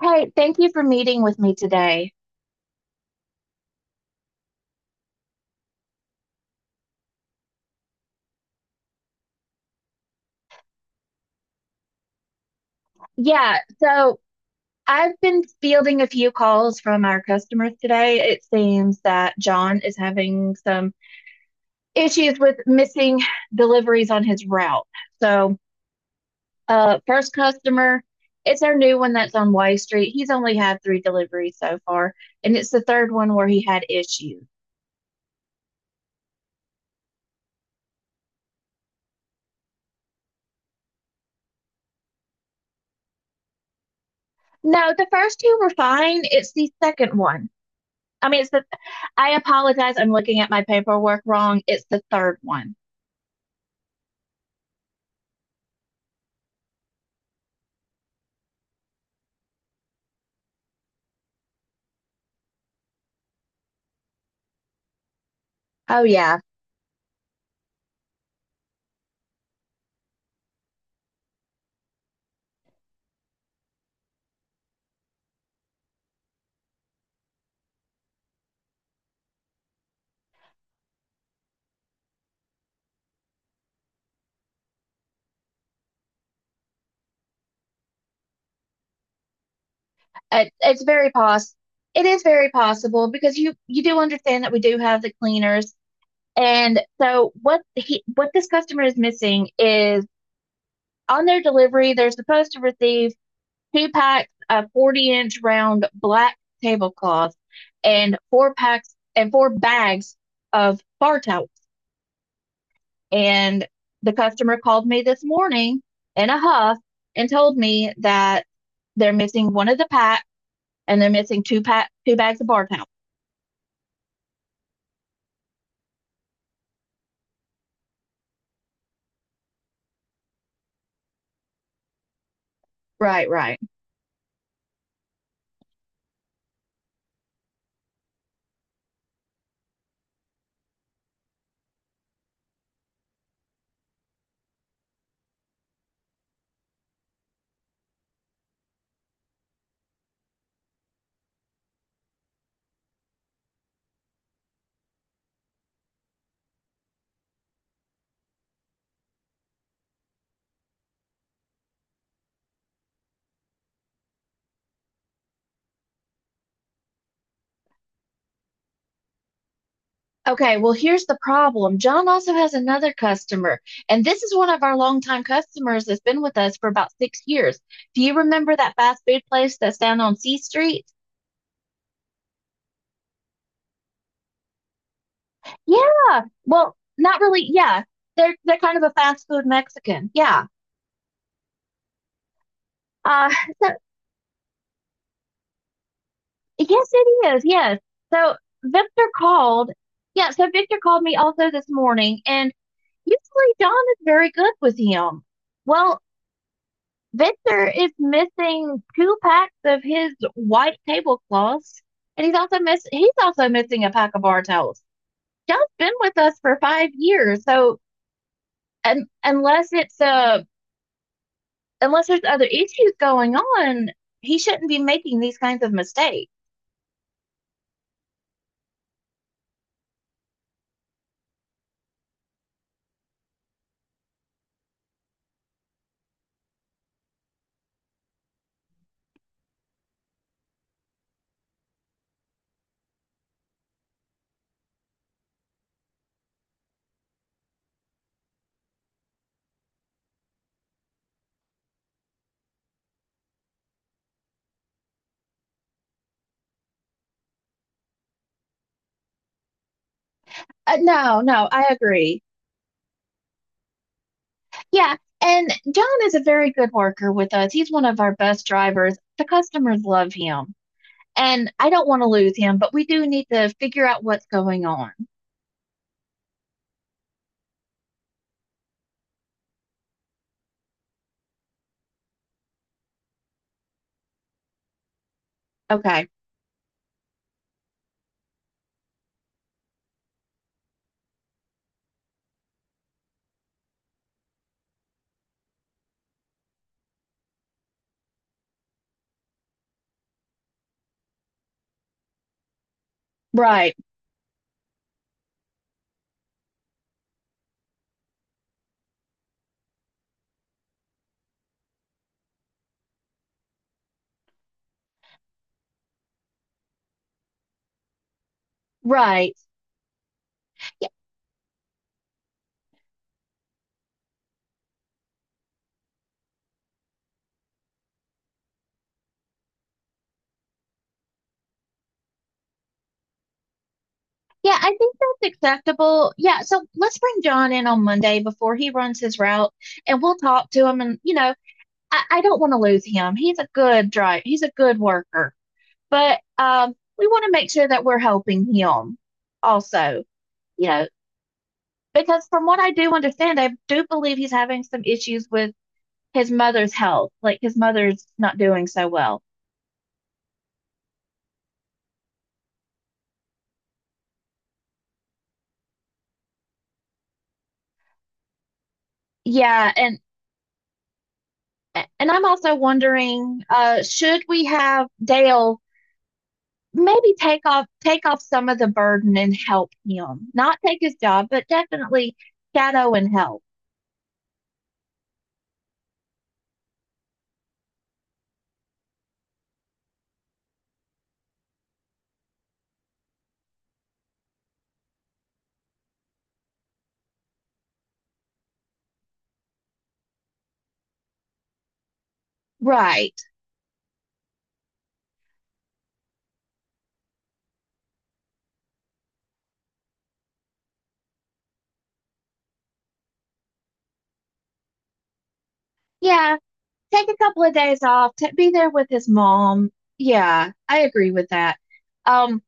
Hey, thank you for meeting with me today. Yeah, so I've been fielding a few calls from our customers today. It seems that John is having some issues with missing deliveries on his route. So, first customer, it's our new one that's on Y Street. He's only had three deliveries so far, and it's the third one where he had issues. No, the first two were fine. It's the second one. I mean, I apologize. I'm looking at my paperwork wrong. It's the third one. Oh yeah, it's very poss. It is very possible because you do understand that we do have the cleaners, and so what this customer is missing is on their delivery they're supposed to receive two packs of 40 inch round black tablecloths and four packs and four bags of bar towels. And the customer called me this morning in a huff and told me that they're missing one of the packs and they're missing two bags of bar towel. Right, right. Okay, well, here's the problem. John also has another customer, and this is one of our longtime customers that's been with us for about 6 years. Do you remember that fast food place that's down on C Street? Yeah. Well, not really. Yeah, they're kind of a fast food Mexican. Yeah. Uh, so yes, it is. Yes. So Victor called. Yeah. So Victor called me also this morning, and usually John is very good with him. Well, Victor is missing two packs of his white tablecloths, and he's also missing a pack of bar towels. Y'all's been with us for 5 years, so and unless there's other issues going on, he shouldn't be making these kinds of mistakes. No, no, I agree. Yeah, and John is a very good worker with us. He's one of our best drivers. The customers love him, and I don't want to lose him, but we do need to figure out what's going on. Okay. Right, right. Yeah, yeah, I think that's acceptable. Yeah, so let's bring John in on Monday before he runs his route and we'll talk to him and I don't want to lose him. He's a good driver. He's a good worker. But we want to make sure that we're helping him also, you know, because from what I do understand, I do believe he's having some issues with his mother's health. Like his mother's not doing so well. Yeah, and I'm also wondering, should we have Dale maybe take off some of the burden and help him. Not take his job, but definitely shadow and help. Right. Yeah. Take a couple of days off. Ta be there with his mom. Yeah, I agree with that. Um,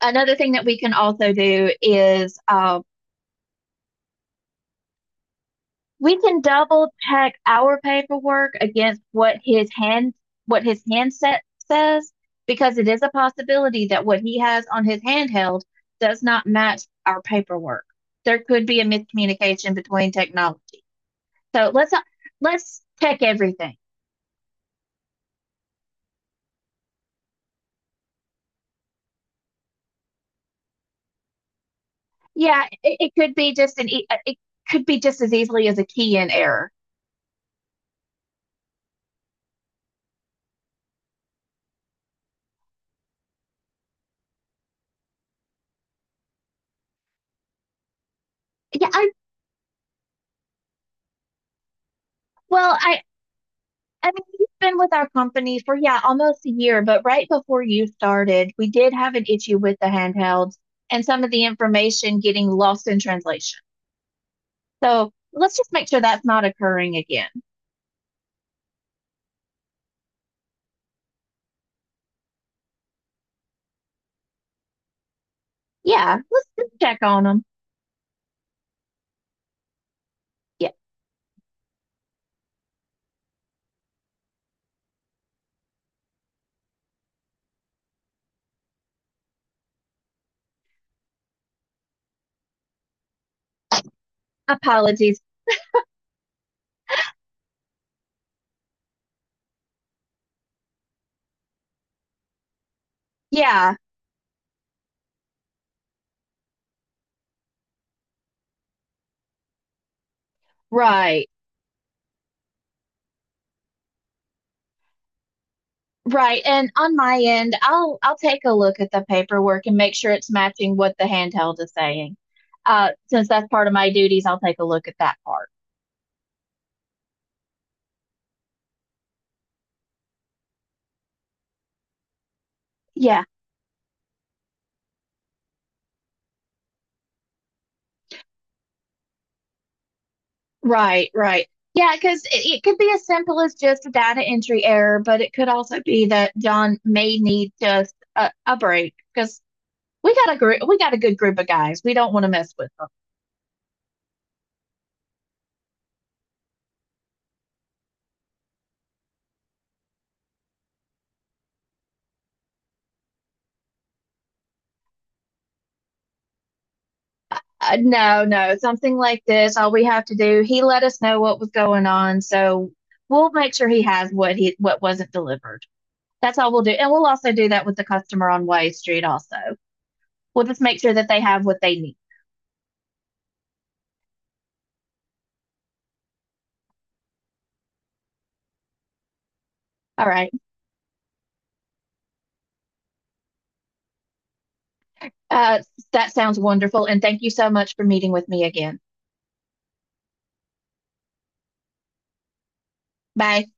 another thing that we can also do is We can double check our paperwork against what his handset says because it is a possibility that what he has on his handheld does not match our paperwork. There could be a miscommunication between technology. So let's not, let's check everything. Yeah, it could be just as easily as a key in error. Yeah, I well, I mean, he's been with our company for, yeah, almost a year, but right before you started, we did have an issue with the handhelds and some of the information getting lost in translation. So let's just make sure that's not occurring again. Yeah, let's just check on them. Yeah, apologies. Yeah, right. Right. And on my end, I'll take a look at the paperwork and make sure it's matching what the handheld is saying. Since that's part of my duties, I'll take a look at that part. Yeah. Right, right. Yeah, because it could be as simple as just a data entry error, but it could also be that John may need just a break because we got a good group of guys. We don't want to mess with them. No, no, something like this. All we have to do, he let us know what was going on, so we'll make sure he has what wasn't delivered. That's all we'll do, and we'll also do that with the customer on Way Street. Also, we'll just make sure that they have what they need. All right. Uh, that sounds wonderful. And thank you so much for meeting with me again. Bye.